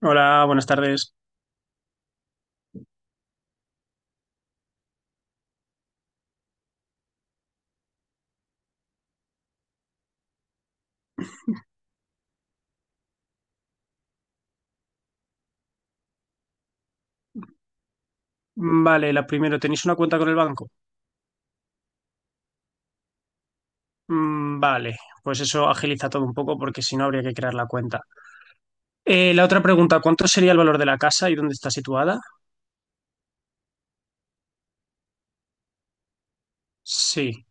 Hola, buenas tardes. Vale, la primero, ¿tenéis una cuenta con el banco? Vale, pues eso agiliza todo un poco porque si no habría que crear la cuenta. La otra pregunta, ¿cuánto sería el valor de la casa y dónde está situada? Sí.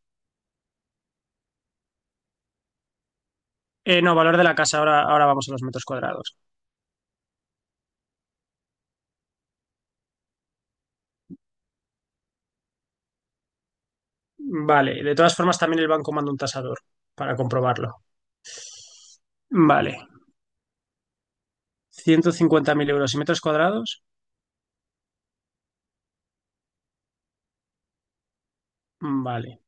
No, valor de la casa, ahora, ahora vamos a los metros cuadrados. Vale, de todas formas también el banco manda un tasador para comprobarlo. Vale, 150.000 € y metros cuadrados. Vale,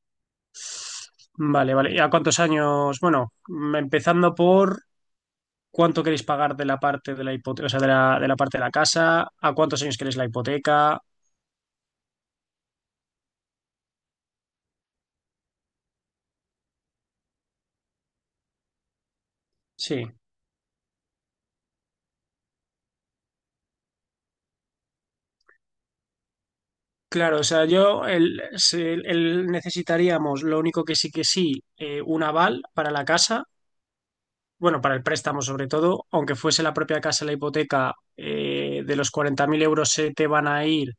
vale, vale. ¿Y a cuántos años? Bueno, empezando por cuánto queréis pagar de la parte de la hipoteca, o sea, de la parte de la casa, a cuántos años queréis la hipoteca. Sí, claro, o sea, yo necesitaríamos, lo único que sí, un aval para la casa, bueno, para el préstamo sobre todo, aunque fuese la propia casa la hipoteca, de los 40.000 € se te van a ir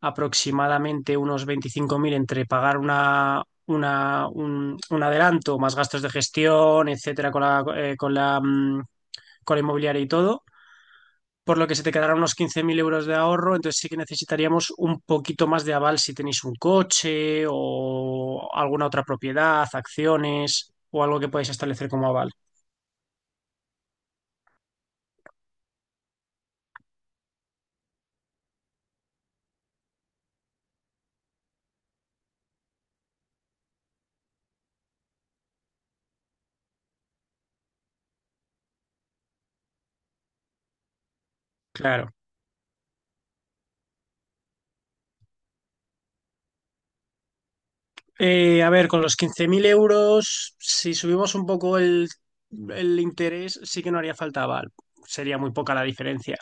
aproximadamente unos 25.000 entre pagar un adelanto, más gastos de gestión, etcétera, con la inmobiliaria y todo, por lo que se te quedarán unos 15.000 € de ahorro. Entonces sí que necesitaríamos un poquito más de aval si tenéis un coche o alguna otra propiedad, acciones o algo que podáis establecer como aval. Claro. A ver, con los 15.000 euros, si subimos un poco el interés, sí que no haría falta aval. Sería muy poca la diferencia.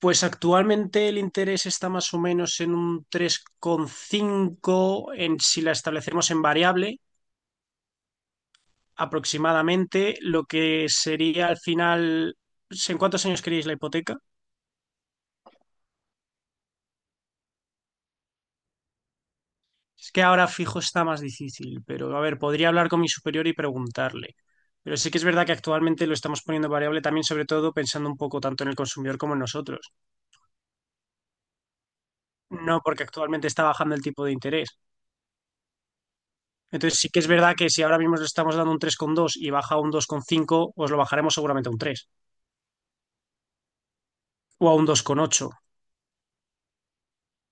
Pues actualmente el interés está más o menos en un 3,5 en si la establecemos en variable, aproximadamente lo que sería al final. ¿Sí? ¿En cuántos años queréis la hipoteca? Es que ahora fijo está más difícil, pero a ver, podría hablar con mi superior y preguntarle. Pero sí que es verdad que actualmente lo estamos poniendo variable también, sobre todo pensando un poco tanto en el consumidor como en nosotros. No, porque actualmente está bajando el tipo de interés. Entonces sí que es verdad que si ahora mismo le estamos dando un 3,2 y baja a un 2,5, os lo bajaremos seguramente a un 3 o a un 2,8.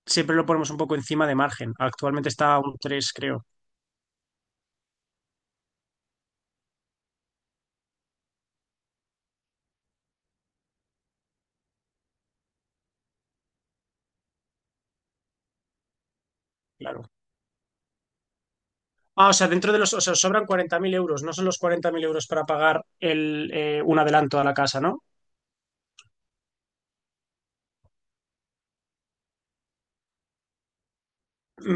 Siempre lo ponemos un poco encima de margen. Actualmente está a un tres, creo. Claro. Ah, o sea, dentro de los, o sea, sobran 40.000 euros, no son los 40.000 € para pagar un adelanto a la casa, ¿no?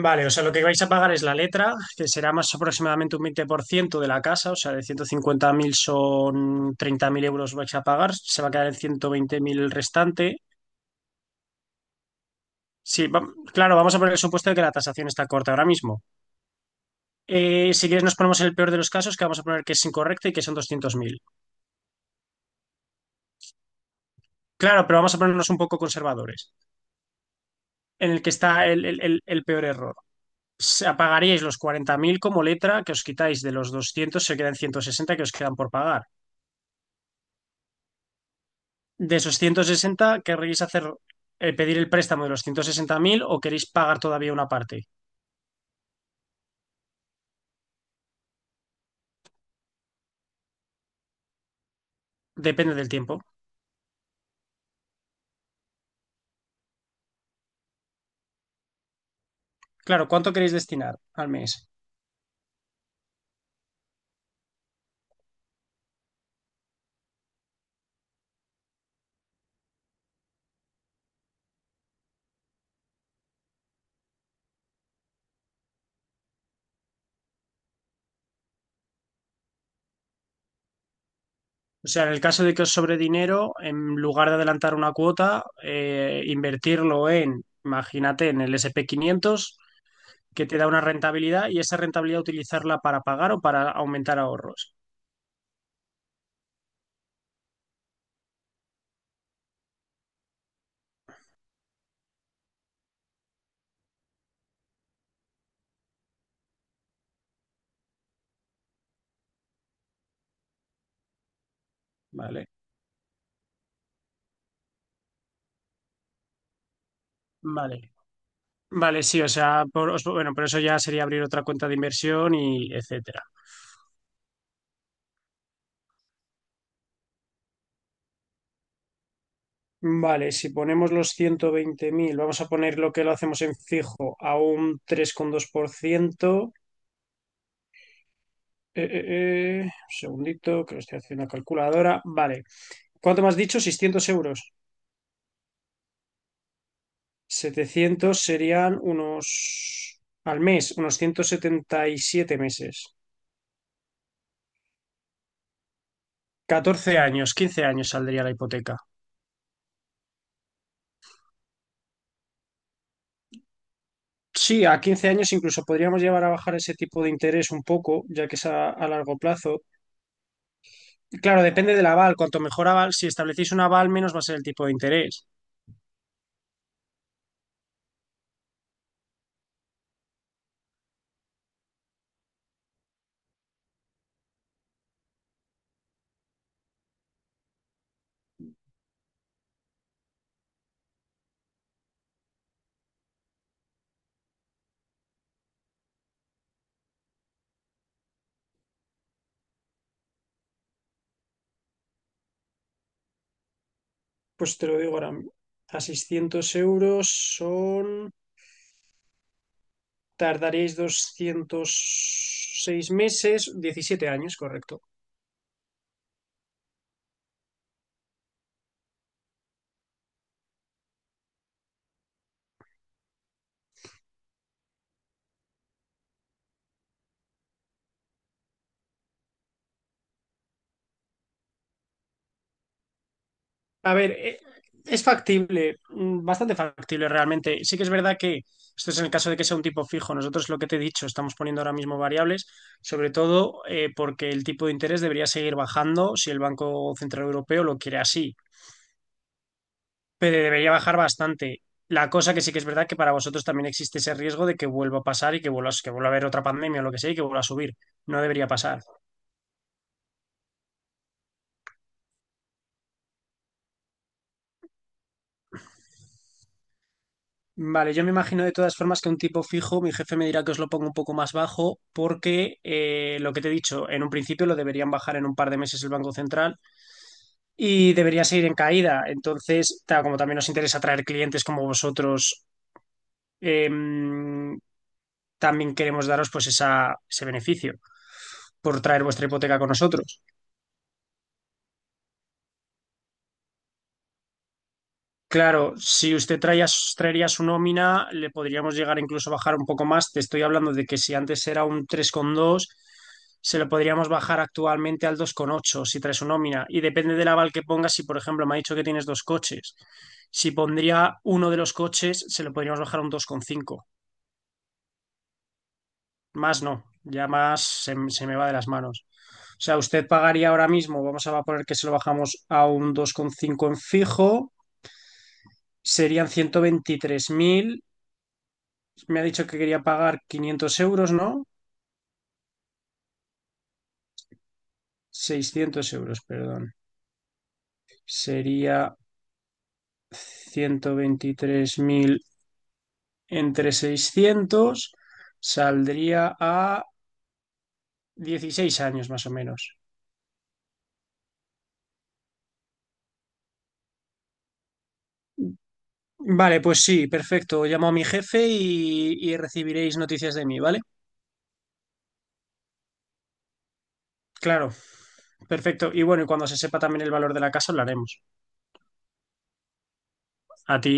Vale, o sea, lo que vais a pagar es la letra, que será más aproximadamente un 20% de la casa, o sea, de 150.000 son 30.000 € vais a pagar, se va a quedar en 120.000 el restante. Sí, claro, vamos a poner el supuesto de que la tasación está corta ahora mismo. Si quieres, nos ponemos en el peor de los casos, que vamos a poner que es incorrecta y que son 200.000. Claro, pero vamos a ponernos un poco conservadores, en el que está el peor error. Se apagaríais los 40.000 como letra que os quitáis de los 200, se quedan 160 que os quedan por pagar. De esos 160, ¿querréis pedir el préstamo de los 160.000 o queréis pagar todavía una parte? Depende del tiempo. Claro, ¿cuánto queréis destinar al mes? O sea, en el caso de que os sobre dinero, en lugar de adelantar una cuota, invertirlo imagínate, en el S&P 500, que te da una rentabilidad y esa rentabilidad utilizarla para pagar o para aumentar ahorros. Vale, vale. Vale, sí, o sea, bueno, por eso ya sería abrir otra cuenta de inversión y etcétera. Vale, si ponemos los 120.000, vamos a poner lo que lo hacemos en fijo a un 3,2%. Eh, eh, un segundito, que lo estoy haciendo en la calculadora. Vale, ¿cuánto me has dicho? Seiscientos euros. 700 serían al mes, unos 177 meses. 14 años, 15 años saldría la hipoteca. Sí, a 15 años incluso podríamos llevar a bajar ese tipo de interés un poco, ya que es a largo plazo. Claro, depende del aval. Cuanto mejor aval, si establecéis un aval, menos va a ser el tipo de interés. Pues te lo digo ahora. A 600 € son... Tardaréis 206 meses, 17 años, correcto. A ver, es factible, bastante factible realmente. Sí que es verdad que esto es en el caso de que sea un tipo fijo. Nosotros, lo que te he dicho, estamos poniendo ahora mismo variables, sobre todo porque el tipo de interés debería seguir bajando si el Banco Central Europeo lo quiere así, pero debería bajar bastante. La cosa que sí que es verdad que para vosotros también existe ese riesgo de que vuelva a pasar y que vuelva, que vuelva a haber otra pandemia o lo que sea y que vuelva a subir. No debería pasar. Vale, yo me imagino de todas formas que un tipo fijo, mi jefe me dirá que os lo pongo un poco más bajo porque lo que te he dicho, en un principio lo deberían bajar en un par de meses el Banco Central y debería seguir en caída. Entonces, como también nos interesa atraer clientes como vosotros, em, también queremos daros pues ese beneficio por traer vuestra hipoteca con nosotros. Claro, si usted traía, traería su nómina, le podríamos llegar incluso a bajar un poco más. Te estoy hablando de que si antes era un 3,2, se lo podríamos bajar actualmente al 2,8 si trae su nómina. Y depende del aval que pongas, si por ejemplo me ha dicho que tienes dos coches, si pondría uno de los coches, se lo podríamos bajar a un 2,5. Más no, ya más se me va de las manos. O sea, usted pagaría ahora mismo, vamos a poner que se lo bajamos a un 2,5 en fijo, serían 123.000. Me ha dicho que quería pagar 500 euros, ¿no? Seiscientos euros, perdón. Sería 123.000 entre 600, saldría a 16 años más o menos. Vale, pues sí, perfecto. Llamo a mi jefe y, recibiréis noticias de mí, ¿vale? Claro, perfecto. Y bueno, y cuando se sepa también el valor de la casa, hablaremos. A ti.